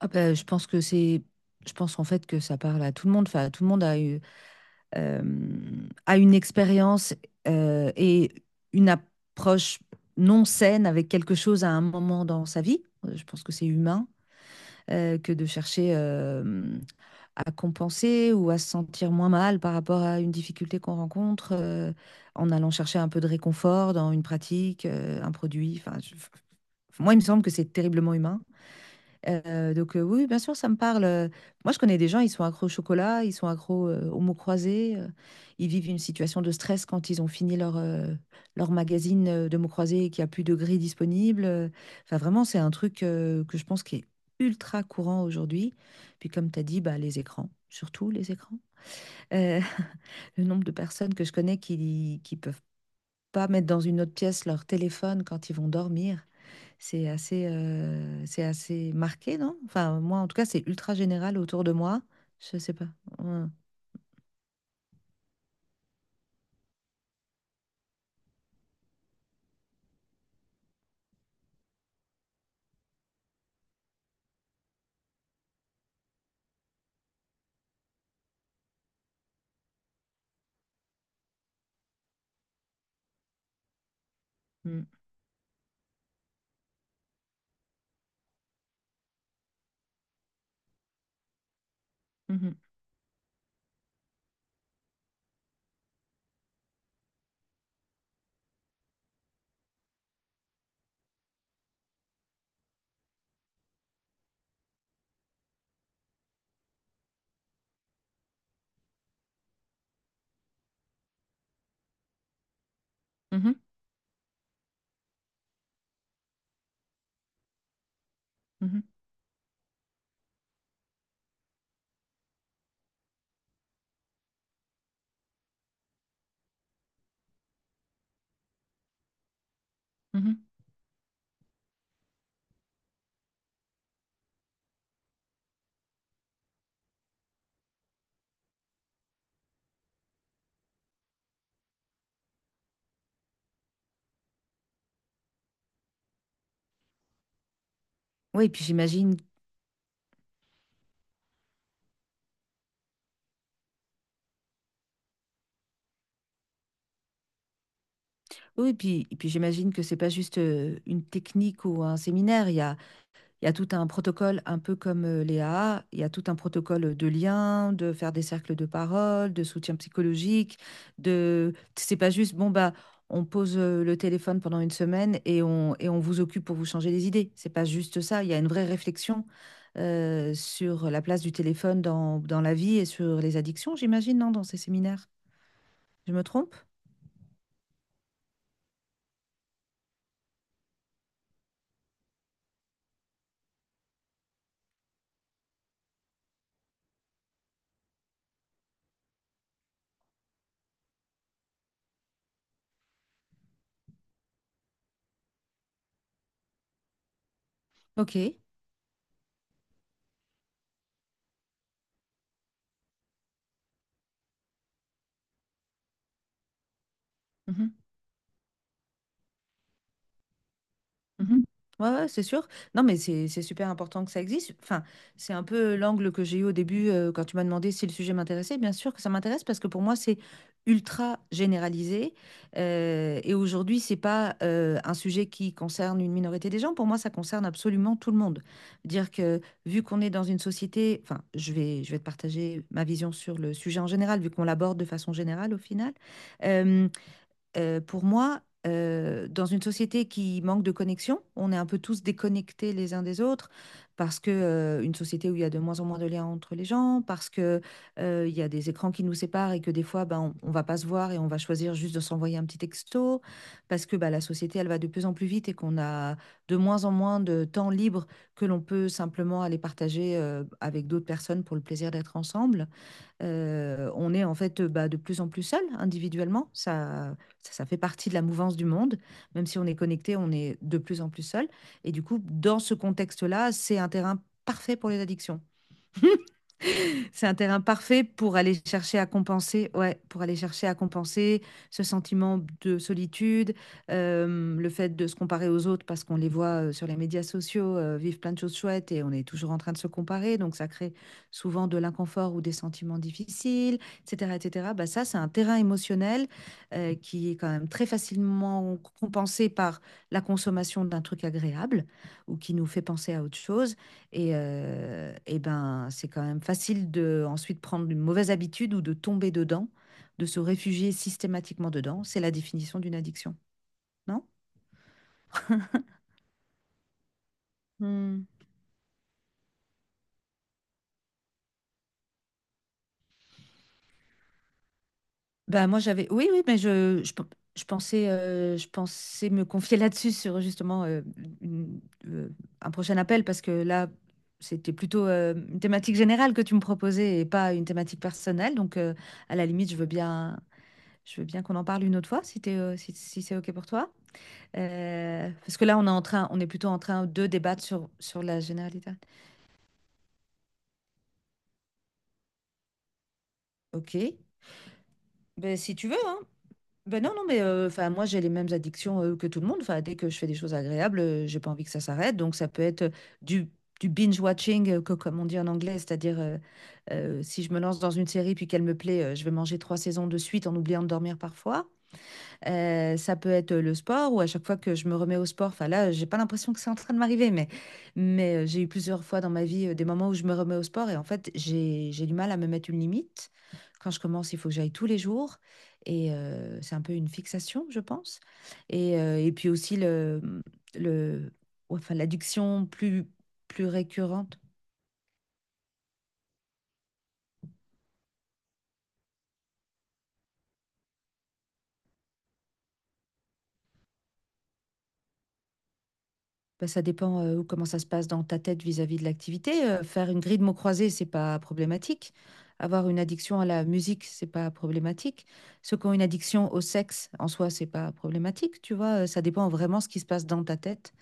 Ah bah, je pense en fait que ça parle à tout le monde. Enfin, tout le monde euh, a une expérience et une approche non saine avec quelque chose à un moment dans sa vie. Je pense que c'est humain que de chercher à compenser ou à se sentir moins mal par rapport à une difficulté qu'on rencontre en allant chercher un peu de réconfort dans une pratique, un produit. Enfin, moi, il me semble que c'est terriblement humain. Donc, oui, bien sûr, ça me parle. Moi, je connais des gens, ils sont accros au chocolat, ils sont accros aux mots croisés, ils vivent une situation de stress quand ils ont fini leur magazine de mots croisés et qu'il n'y a plus de grille disponible. Enfin, vraiment, c'est un truc que je pense qui est ultra courant aujourd'hui. Puis comme tu as dit, bah, les écrans, surtout les écrans. Euh, le nombre de personnes que je connais qui peuvent pas mettre dans une autre pièce leur téléphone quand ils vont dormir. C'est assez marqué, non? Enfin, moi, en tout cas, c'est ultra général autour de moi. Je sais pas. Ouais. Mm. Mhm. Mhm. Mhm. Mhm. Oui, et puis j'imagine. Oui, et puis j'imagine que c'est pas juste une technique ou un séminaire. Il y a tout un protocole, un peu comme les il y a tout un protocole de lien, de faire des cercles de parole, de soutien psychologique, C'est pas juste, bon, bah, on pose le téléphone pendant une semaine et et on vous occupe pour vous changer les idées. C'est pas juste ça, il y a une vraie réflexion sur la place du téléphone dans la vie et sur les addictions, j'imagine, non, dans ces séminaires. Je me trompe? Ok. Mhm. Mhm. Ouais, ouais, c'est sûr. Non, mais c'est super important que ça existe. Enfin, c'est un peu l'angle que j'ai eu au début quand tu m'as demandé si le sujet m'intéressait. Bien sûr que ça m'intéresse parce que pour moi, c'est ultra généralisé. Et aujourd'hui, c'est pas un sujet qui concerne une minorité des gens. Pour moi, ça concerne absolument tout le monde. Dire que vu qu'on est dans une société, enfin, je vais te partager ma vision sur le sujet en général, vu qu'on l'aborde de façon générale au final pour moi, dans une société qui manque de connexion, on est un peu tous déconnectés les uns des autres, parce que une société où il y a de moins en moins de liens entre les gens, parce que il y a des écrans qui nous séparent et que des fois, ben, on va pas se voir et on va choisir juste de s'envoyer un petit texto, parce que ben, la société, elle va de plus en plus vite et qu'on a de moins en moins de temps libre que l'on peut simplement aller partager avec d'autres personnes pour le plaisir d'être ensemble. On est en fait bah, de plus en plus seul individuellement. Ça fait partie de la mouvance du monde. Même si on est connecté, on est de plus en plus seul. Et du coup, dans ce contexte-là, c'est un terrain parfait pour les addictions. C'est un terrain parfait pour aller chercher à compenser, ouais, pour aller chercher à compenser ce sentiment de solitude, le fait de se comparer aux autres parce qu'on les voit sur les médias sociaux vivre plein de choses chouettes et on est toujours en train de se comparer, donc ça crée souvent de l'inconfort ou des sentiments difficiles, etc., etc. Bah ça, c'est un terrain émotionnel qui est quand même très facilement compensé par la consommation d'un truc agréable ou qui nous fait penser à autre chose. Et ben, c'est quand même facile de ensuite prendre une mauvaise habitude ou de tomber dedans, de se réfugier systématiquement dedans. C'est la définition d'une addiction, non? Hmm. Ben, moi, j'avais. Oui, oui, mais je pensais me confier là-dessus sur justement une- euh, un prochain appel parce que là, c'était plutôt une thématique générale que tu me proposais et pas une thématique personnelle. Donc, à la limite, je veux bien qu'on en parle une autre fois si t'es, si, si c'est OK pour toi. Parce que là, on est plutôt en train de débattre sur la généralité. Ok. Ben, si tu veux, hein. Ben non, non, mais enfin, moi, j'ai les mêmes addictions que tout le monde. Enfin, dès que je fais des choses agréables, j'ai pas envie que ça s'arrête. Donc, ça peut être du, du binge-watching, que, comme on dit en anglais, c'est-à-dire si je me lance dans une série puis qu'elle me plaît, je vais manger trois saisons de suite en oubliant de dormir parfois. Ça peut être le sport ou à chaque fois que je me remets au sport, enfin là, j'ai pas l'impression que c'est en train de m'arriver, mais j'ai eu plusieurs fois dans ma vie des moments où je me remets au sport et en fait, j'ai du mal à me mettre une limite. Quand je commence, il faut que j'aille tous les jours et c'est un peu une fixation, je pense. Et puis aussi le, enfin, l'addiction plus récurrente. Bah, ça dépend, comment ça se passe dans ta tête vis-à-vis de l'activité, faire une grille de mots croisés, c'est pas problématique. Avoir une addiction à la musique, c'est pas problématique. Ceux qui ont une addiction au sexe, en soi, c'est pas problématique, tu vois? Ça dépend vraiment ce qui se passe dans ta tête,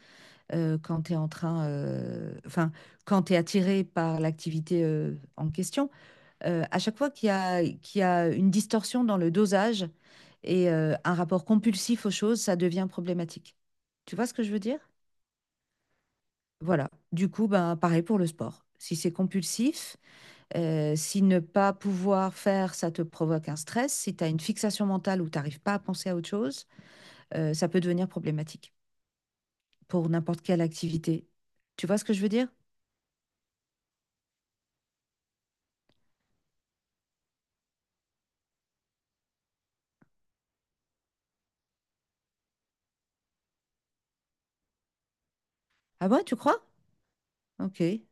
quand tu es en train, enfin, quand tu es attiré par l'activité, en question. À chaque fois qu'il y a une distorsion dans le dosage et un rapport compulsif aux choses, ça devient problématique. Tu vois ce que je veux dire? Voilà. Du coup, ben, pareil pour le sport. Si c'est compulsif, si ne pas pouvoir faire, ça te provoque un stress, si tu as une fixation mentale où tu n'arrives pas à penser à autre chose, ça peut devenir problématique pour n'importe quelle activité. Tu vois ce que je veux dire? Ah ouais, tu crois? Ok.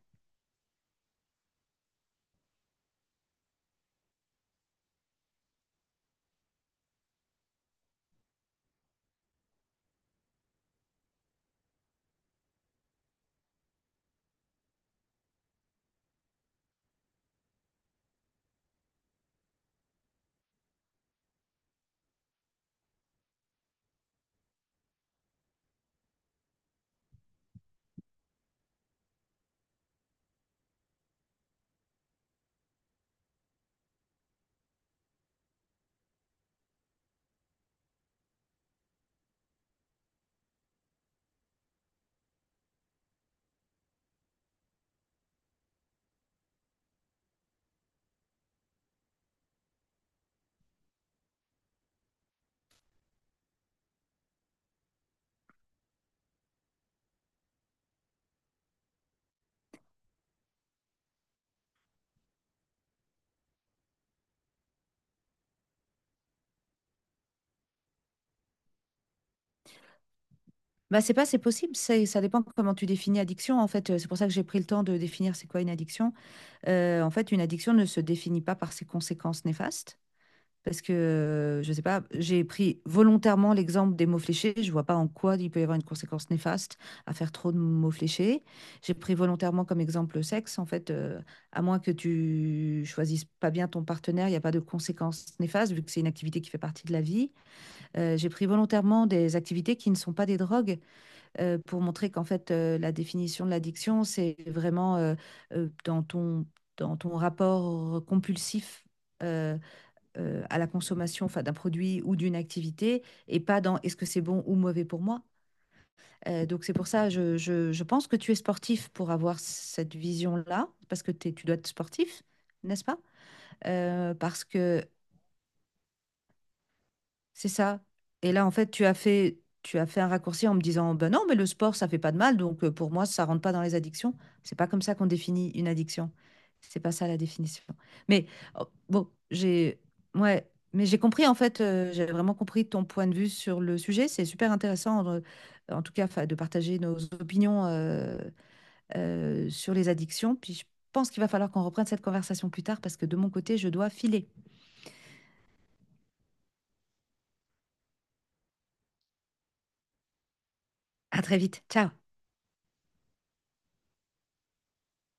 Bah, c'est pas, c'est possible, c'est, ça dépend comment tu définis addiction. En fait, c'est pour ça que j'ai pris le temps de définir c'est quoi une addiction. En fait, une addiction ne se définit pas par ses conséquences néfastes. Parce que, je sais pas, j'ai pris volontairement l'exemple des mots fléchés. Je vois pas en quoi il peut y avoir une conséquence néfaste à faire trop de mots fléchés. J'ai pris volontairement comme exemple le sexe. En fait, à moins que tu choisisses pas bien ton partenaire, il n'y a pas de conséquence néfaste vu que c'est une activité qui fait partie de la vie. J'ai pris volontairement des activités qui ne sont pas des drogues pour montrer qu'en fait, la définition de l'addiction, c'est vraiment dans ton, rapport compulsif. euh, à la consommation enfin, d'un produit ou d'une activité et pas dans est-ce que c'est bon ou mauvais pour moi. Donc c'est pour ça, je pense que tu es sportif pour avoir cette vision-là, parce que tu dois être sportif, n'est-ce pas? Parce que C'est ça. Et là, en fait, tu as fait un raccourci en me disant, ben non, mais le sport, ça fait pas de mal, donc pour moi, ça rentre pas dans les addictions. C'est pas comme ça qu'on définit une addiction. C'est pas ça la définition. Mais oh, bon, ouais, mais j'ai compris en fait, j'ai vraiment compris ton point de vue sur le sujet. C'est super intéressant, en tout cas, 'fin, de partager nos opinions sur les addictions. Puis je pense qu'il va falloir qu'on reprenne cette conversation plus tard parce que de mon côté, je dois filer. À très vite. Ciao.